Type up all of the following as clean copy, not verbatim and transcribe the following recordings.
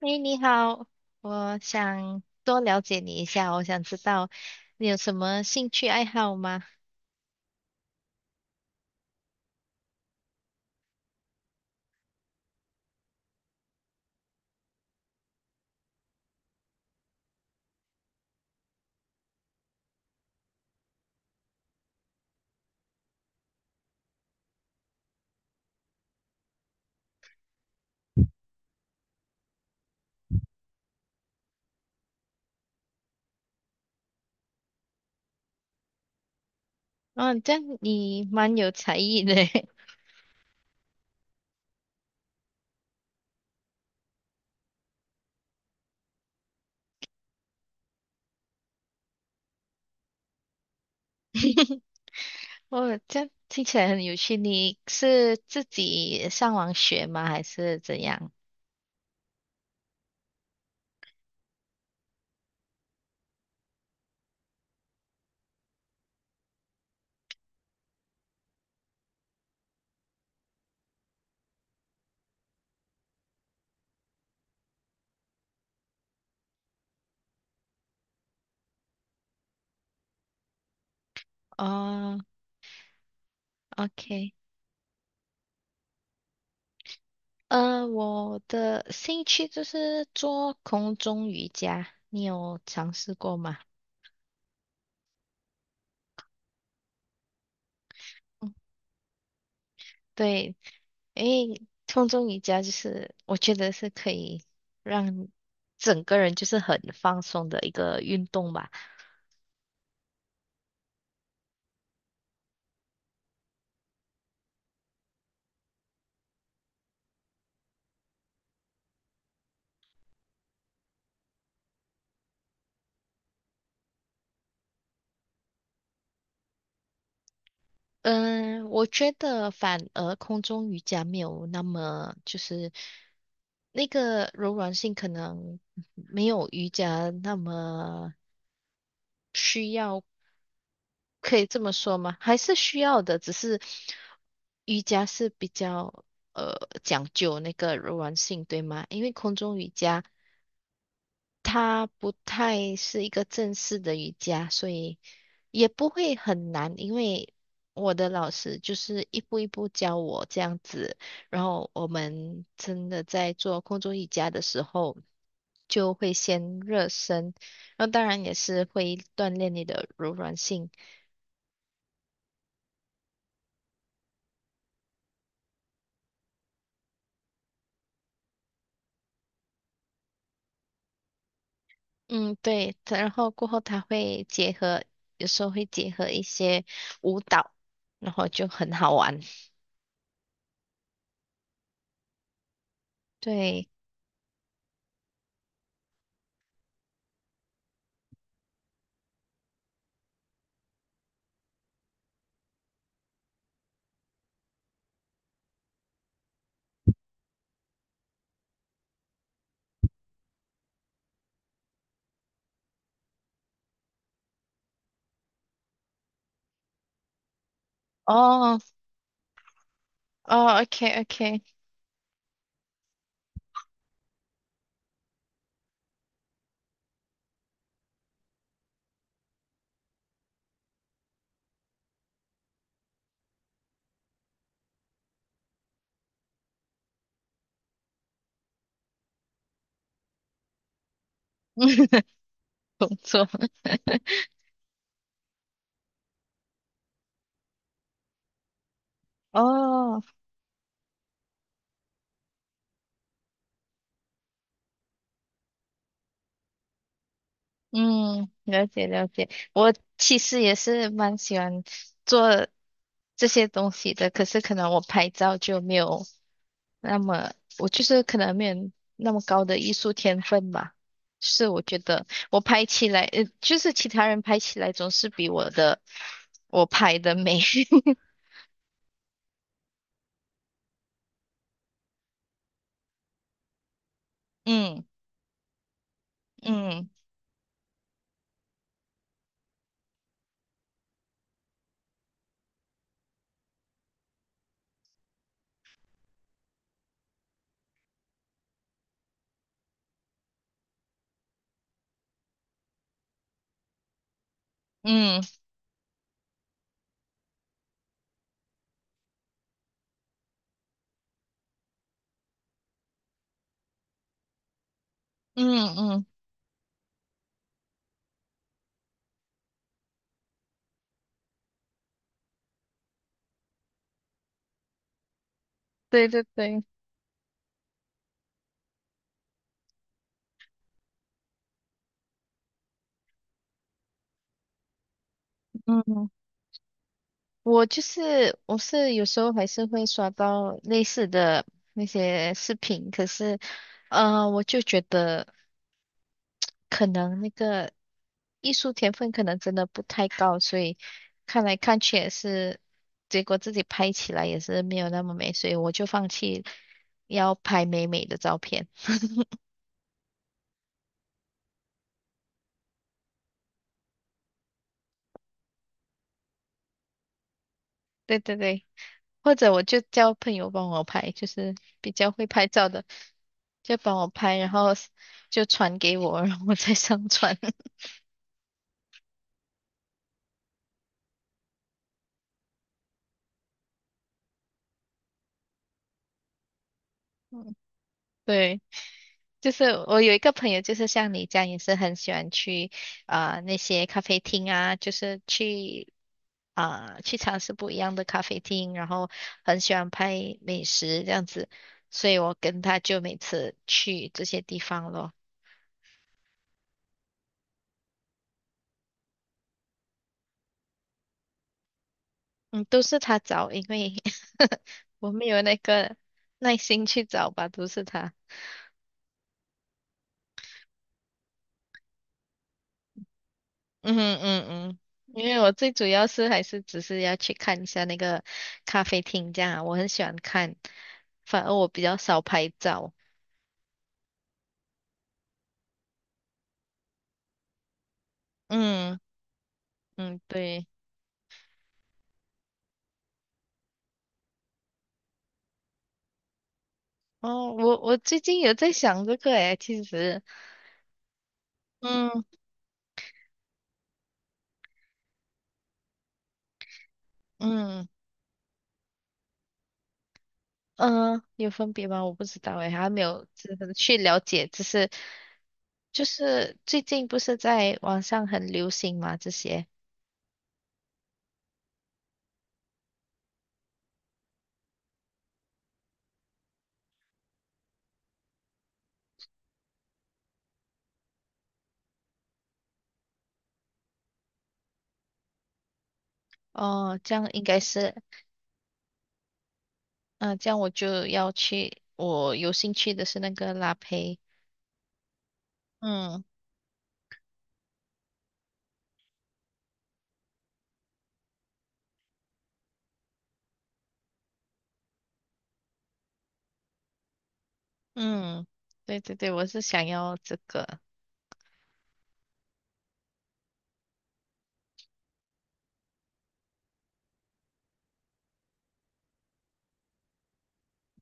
哎，你好，我想多了解你一下，我想知道你有什么兴趣爱好吗？哦，这样你蛮有才艺的诶。哦，这样听起来很有趣。你是自己上网学吗？还是怎样？哦，OK，我的兴趣就是做空中瑜伽，你有尝试过吗？嗯，对，因为空中瑜伽就是我觉得是可以让整个人就是很放松的一个运动吧。嗯，我觉得反而空中瑜伽没有那么就是那个柔软性可能没有瑜伽那么需要，可以这么说吗？还是需要的，只是瑜伽是比较呃讲究那个柔软性，对吗？因为空中瑜伽，它不太是一个正式的瑜伽，所以也不会很难，因为我的老师就是一步一步教我这样子，然后我们真的在做空中瑜伽的时候，就会先热身，然后当然也是会锻炼你的柔软性。嗯，对，它然后过后它会结合，有时候会结合一些舞蹈，然后就很好玩，对。哦哦，OK OK，工作。哦，嗯，了解了解。我其实也是蛮喜欢做这些东西的，可是可能我拍照就没有那么，我就是可能没有那么高的艺术天分吧。是我觉得我拍起来，就是其他人拍起来总是比我的我拍的美。嗯嗯嗯嗯，对对对，嗯。我就是我是有时候还是会刷到类似的那些视频，可是我就觉得可能那个艺术天分可能真的不太高，所以看来看去也是，结果自己拍起来也是没有那么美，所以我就放弃要拍美美的照片。对对对，或者我就叫朋友帮我拍，就是比较会拍照的，就帮我拍，然后就传给我，然后我再上传。对。就是我有一个朋友，就是像你这样，也是很喜欢去啊那些咖啡厅啊，就是去去尝试不一样的咖啡厅，然后很喜欢拍美食这样子，所以我跟他就每次去这些地方咯。嗯，都是他找，因为 我没有那个耐心去找吧，都是他。嗯哼，因为我最主要是还是只是要去看一下那个咖啡厅，这样啊我很喜欢看，反而我比较少拍照。嗯嗯，对。哦，我我最近有在想这个诶，其实，嗯嗯有分别吗？我不知道诶，还没有就是去了解，只是就是最近不是在网上很流行嘛这些。哦，这样应该是嗯、这样我就要去，我有兴趣的是那个拉胚。嗯嗯，对对对，我是想要这个。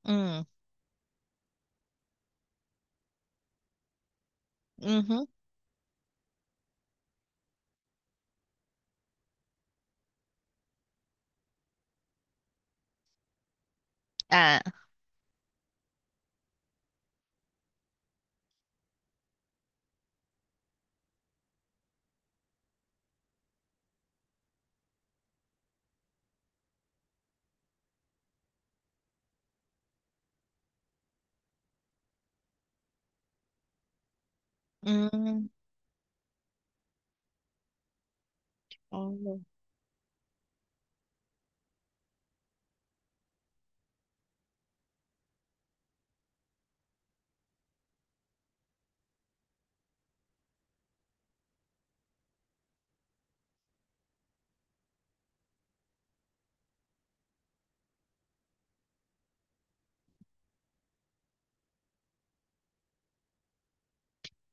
嗯嗯哼啊嗯哦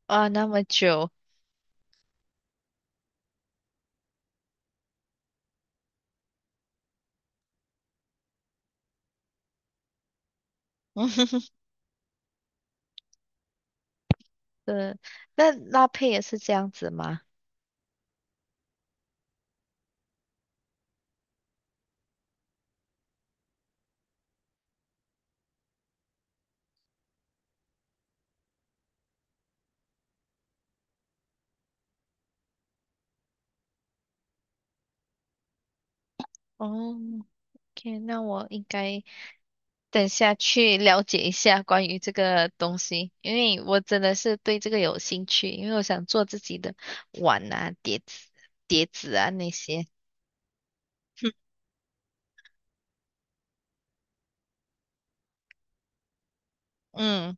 哇，那么久，嗯哼哼，对，那拉胚也是这样子吗？哦，OK，那我应该等下去了解一下关于这个东西，因为我真的是对这个有兴趣，因为我想做自己的碗啊、碟子啊那些。嗯。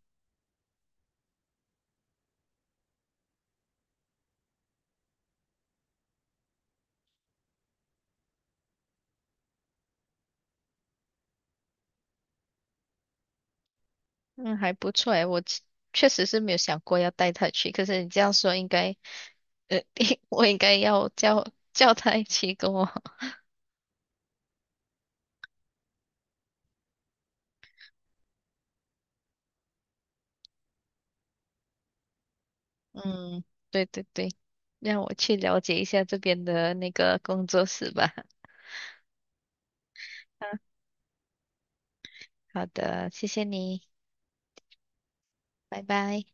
嗯，还不错诶，确实是没有想过要带他去，可是你这样说，应该，呃，我应该要叫他一起跟我。嗯，对对对，让我去了解一下这边的那个工作室吧。嗯，好的，谢谢你，拜拜。